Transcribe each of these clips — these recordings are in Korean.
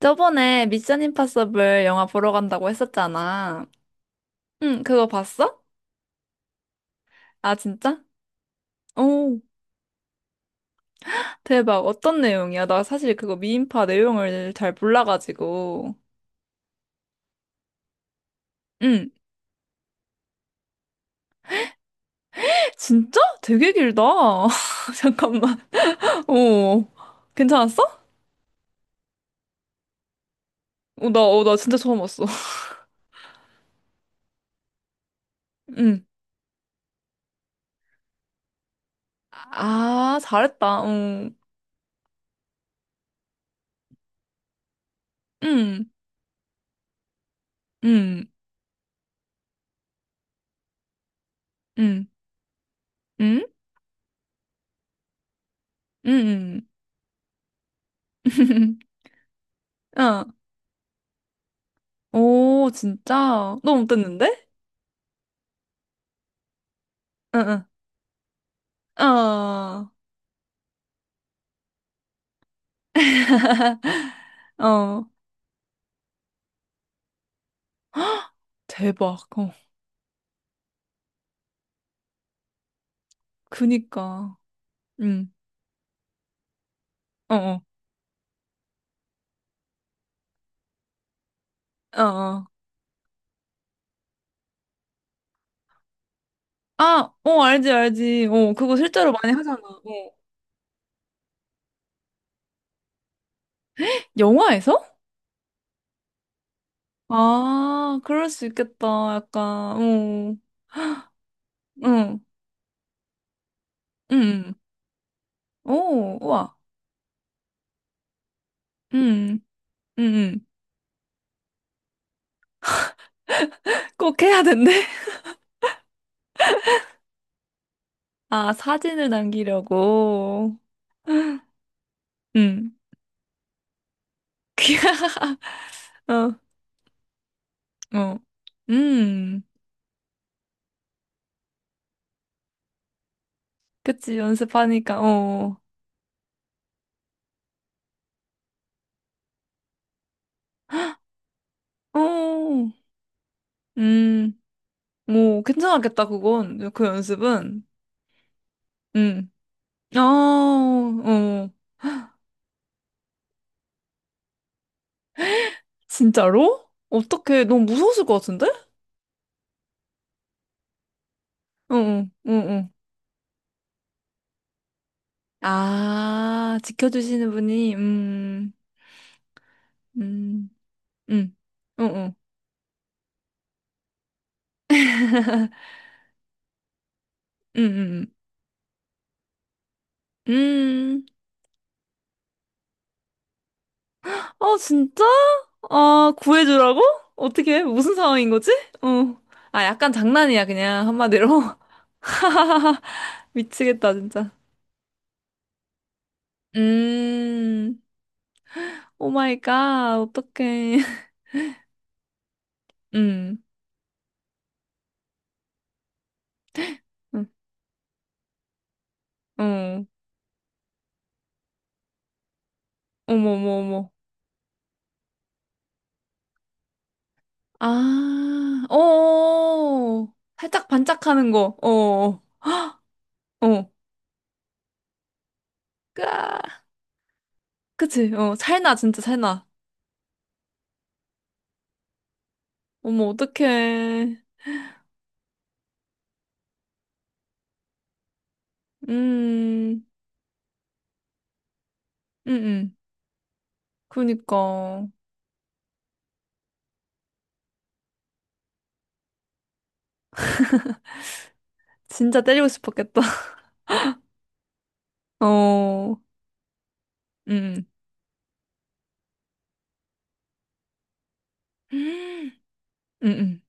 저번에 미션 임파서블 영화 보러 간다고 했었잖아. 응, 그거 봤어? 아, 진짜? 오, 대박. 어떤 내용이야? 나 사실 그거 미인파 내용을 잘 몰라가지고. 응, 진짜? 되게 길다. 잠깐만. 오, 괜찮았어? 나 진짜 처음 봤어. 응. 아, 잘했다. 어. 응, 응, 응, 응, 응, 응, 응. 어, 오, 진짜? 너무 어땠는데? 응, 응. 어. 어. 대박. 어. 그니까. 응. 어, 어. 어, 어. 아, 어, 알지, 알지. 어, 그거 실제로 많이 하잖아. 어. 영화에서? 아, 그럴 수 있겠다. 약간, 어. 응. 응. 오, 우와. 응. 응. 응. 꼭 해야 된대. 아, 사진을 남기려고. 응. 어, 어. 음. 그치, 연습하니까, 어. 어. 음, 오, 괜찮았겠다, 그건. 그 연습은. 음. 아, 어. 진짜로? 어떻게, 너무 무서웠을 것 같은데? 응, 응, 응, 응. 아, 지켜주시는 분이, 음, 음, 응, 응, 응, 응. 음, 아, 진짜? 아, 구해주라고? 어떻게 해? 무슨 상황인 거지? 어. 아, 약간 장난이야, 그냥, 한마디로. 미치겠다, 진짜. 음, 오 마이 갓, 어떡해. 음, 음, 어, 어머, 어머, 어머. 아, 어, 어, 어. 살짝 반짝하는 거, 어, 어, 까, 그치, 어, 살나, 진짜 살나. 어머, 어떡해. 음, 음, 음, 그니까. 진짜 때리고 싶었겠다. 어, 음, 음, 음.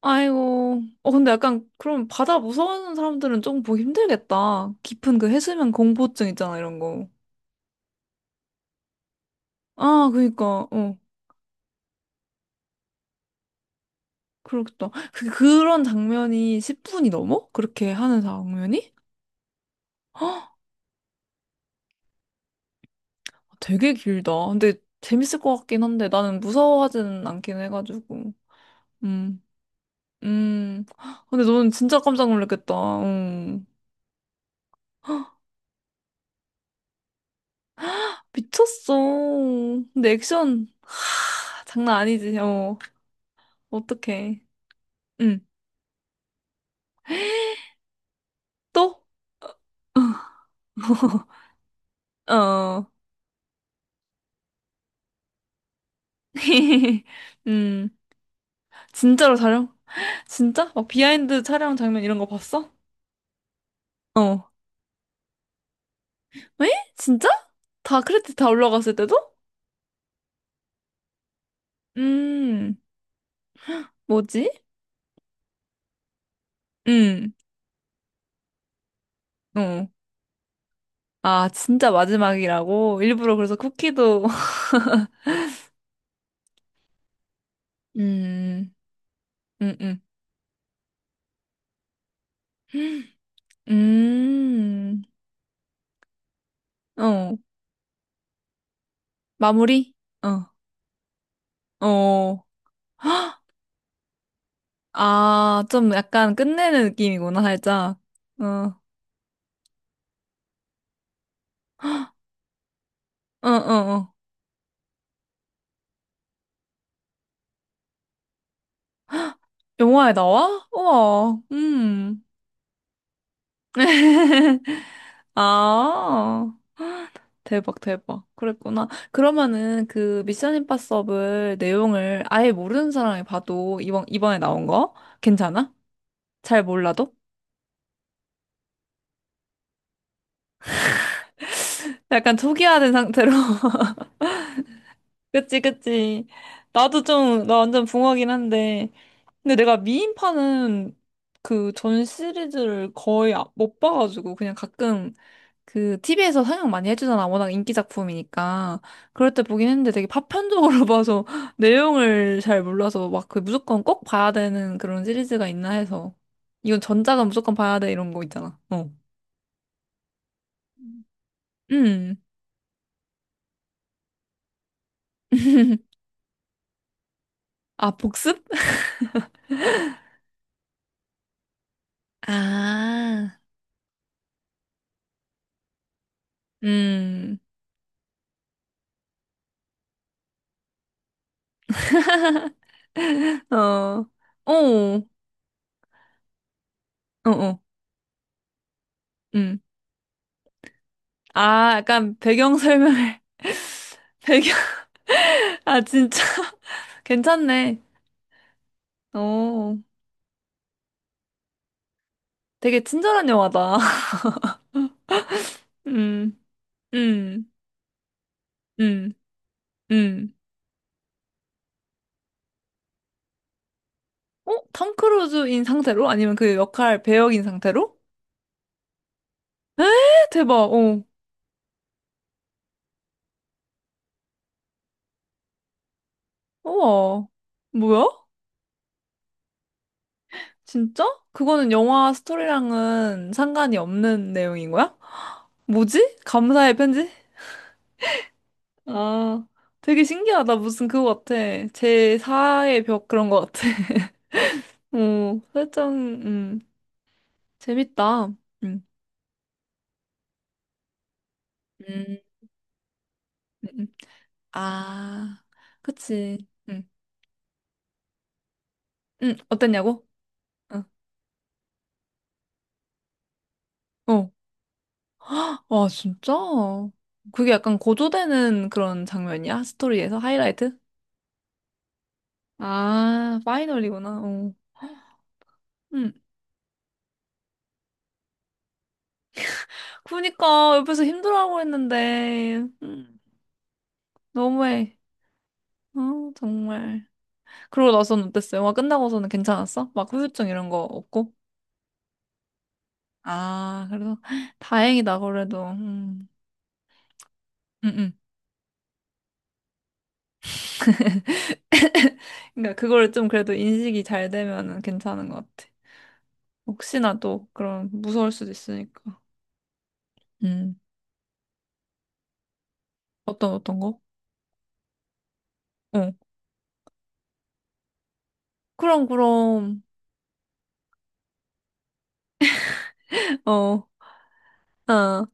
아이고. 어, 근데 약간, 그럼 바다 무서워하는 사람들은 조금 보기 힘들겠다. 깊은 그 해수면 공포증 있잖아, 이런 거. 아, 그니까, 어. 그렇겠다. 그런 장면이 10분이 넘어? 그렇게 하는 장면이? 헉, 되게 길다. 근데 재밌을 것 같긴 한데, 나는 무서워하지는 않긴 해가지고. 음, 음. 근데 너는 진짜 깜짝 놀랐겠다. 음. 미쳤어. 근데 액션, 아, 장난 아니지. 어, 어떡해. 응. 또? 어. 음. 진짜로 촬영? 진짜? 막 비하인드 촬영 장면 이런 거 봤어? 어. 왜? 진짜? 다 크레딧 다 올라갔을 때도? 음. 뭐지? 음. 어. 아, 진짜 마지막이라고? 일부러 그래서 쿠키도 음. 음. 음. 음. 어. 마무리? 어. 어. 아, 좀 약간 끝내는 느낌이구나, 살짝. 어. 어, 어, 어. 영화에 나와? 우와. 아, 대박, 대박. 그랬구나. 그러면은 그 미션 임파서블 내용을 아예 모르는 사람이 봐도 이번에 나온 거? 괜찮아? 잘 몰라도? 약간 초기화된 상태로. 그치, 그치. 나도 좀, 나 완전 붕어긴 한데. 근데 내가 미인파는 그 전 시리즈를 거의 못 봐가지고 그냥 가끔 그 TV에서 상영 많이 해주잖아. 워낙 인기 작품이니까. 그럴 때 보긴 했는데 되게 파편적으로 봐서 내용을 잘 몰라서 막 그 무조건 꼭 봐야 되는 그런 시리즈가 있나 해서. 이건 전작은 무조건 봐야 돼 이런 거 있잖아. 어. 음. 아, 복습? 아. 음. 어. 어. 어, 어. 음. 아, 약간 배경 설명을. 배경. 아, 진짜. 괜찮네. 어. 되게 친절한 영화다. 음, 음, 음, 음. 어? 톰 크루즈인 상태로? 아니면 그 역할 배역인 상태로? 에, 대박, 어. 우와. 뭐야? 진짜? 그거는 영화 스토리랑은 상관이 없는 내용인 거야? 뭐지? 감사의 편지? 아, 되게 신기하다. 무슨 그거 같아. 제4의 벽 그런 거 같아. 어, 살짝, 재밌다. 음, 음. 음. 아, 그치. 음, 어땠냐고? 응. 어. 아, 진짜? 그게 약간 고조되는 그런 장면이야? 스토리에서 하이라이트? 아, 파이널이구나. 어. 음. 그니까 옆에서 힘들어하고 했는데 음, 너무해. 어, 정말. 그러고 나서는 어땠어? 영화 끝나고서는 괜찮았어? 막 후유증 이런 거 없고? 아, 그래서 다행이다 그래도. 음. 음, 음. 그러니까 그거를 좀 그래도 인식이 잘 되면은 괜찮은 것 같아. 혹시나 또 그런 무서울 수도 있으니까. 음. 어떤 어떤 거? 어. 그럼, 그럼. 어, 어.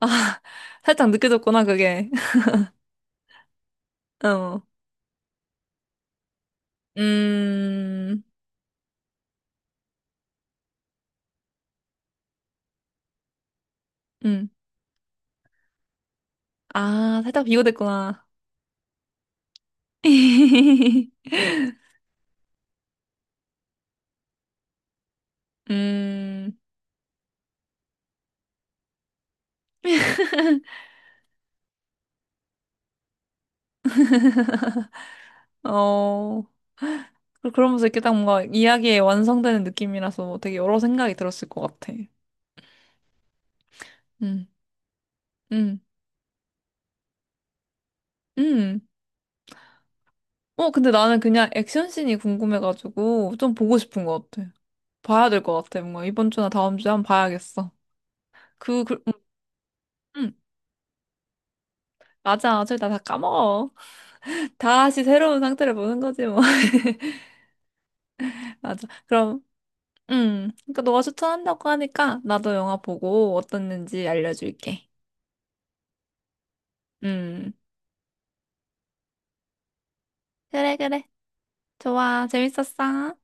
아, 살짝 느껴졌구나, 그게. 어. 음, 음. 아, 살짝 비교됐구나. 음, 어. 그러면서 이렇게 딱 뭔가 이야기에 완성되는 느낌이라서 되게 여러 생각이 들었을 것 같아. 음, 음, 음. 어, 근데 나는 그냥 액션씬이 궁금해가지고 좀 보고 싶은 것 같아. 봐야 될 것 같아. 뭔가 이번 주나 다음 주에 한 번 봐야겠어. 그, 그, 음. 음. 맞아. 어차피 나다 까먹어. 다시 새로운 상태를 보는 거지 뭐. 맞아. 그럼, 그러니까 너가 추천한다고 하니까 나도 영화 보고 어땠는지 알려줄게. 음. 그래, 그래. 좋아. 재밌었어.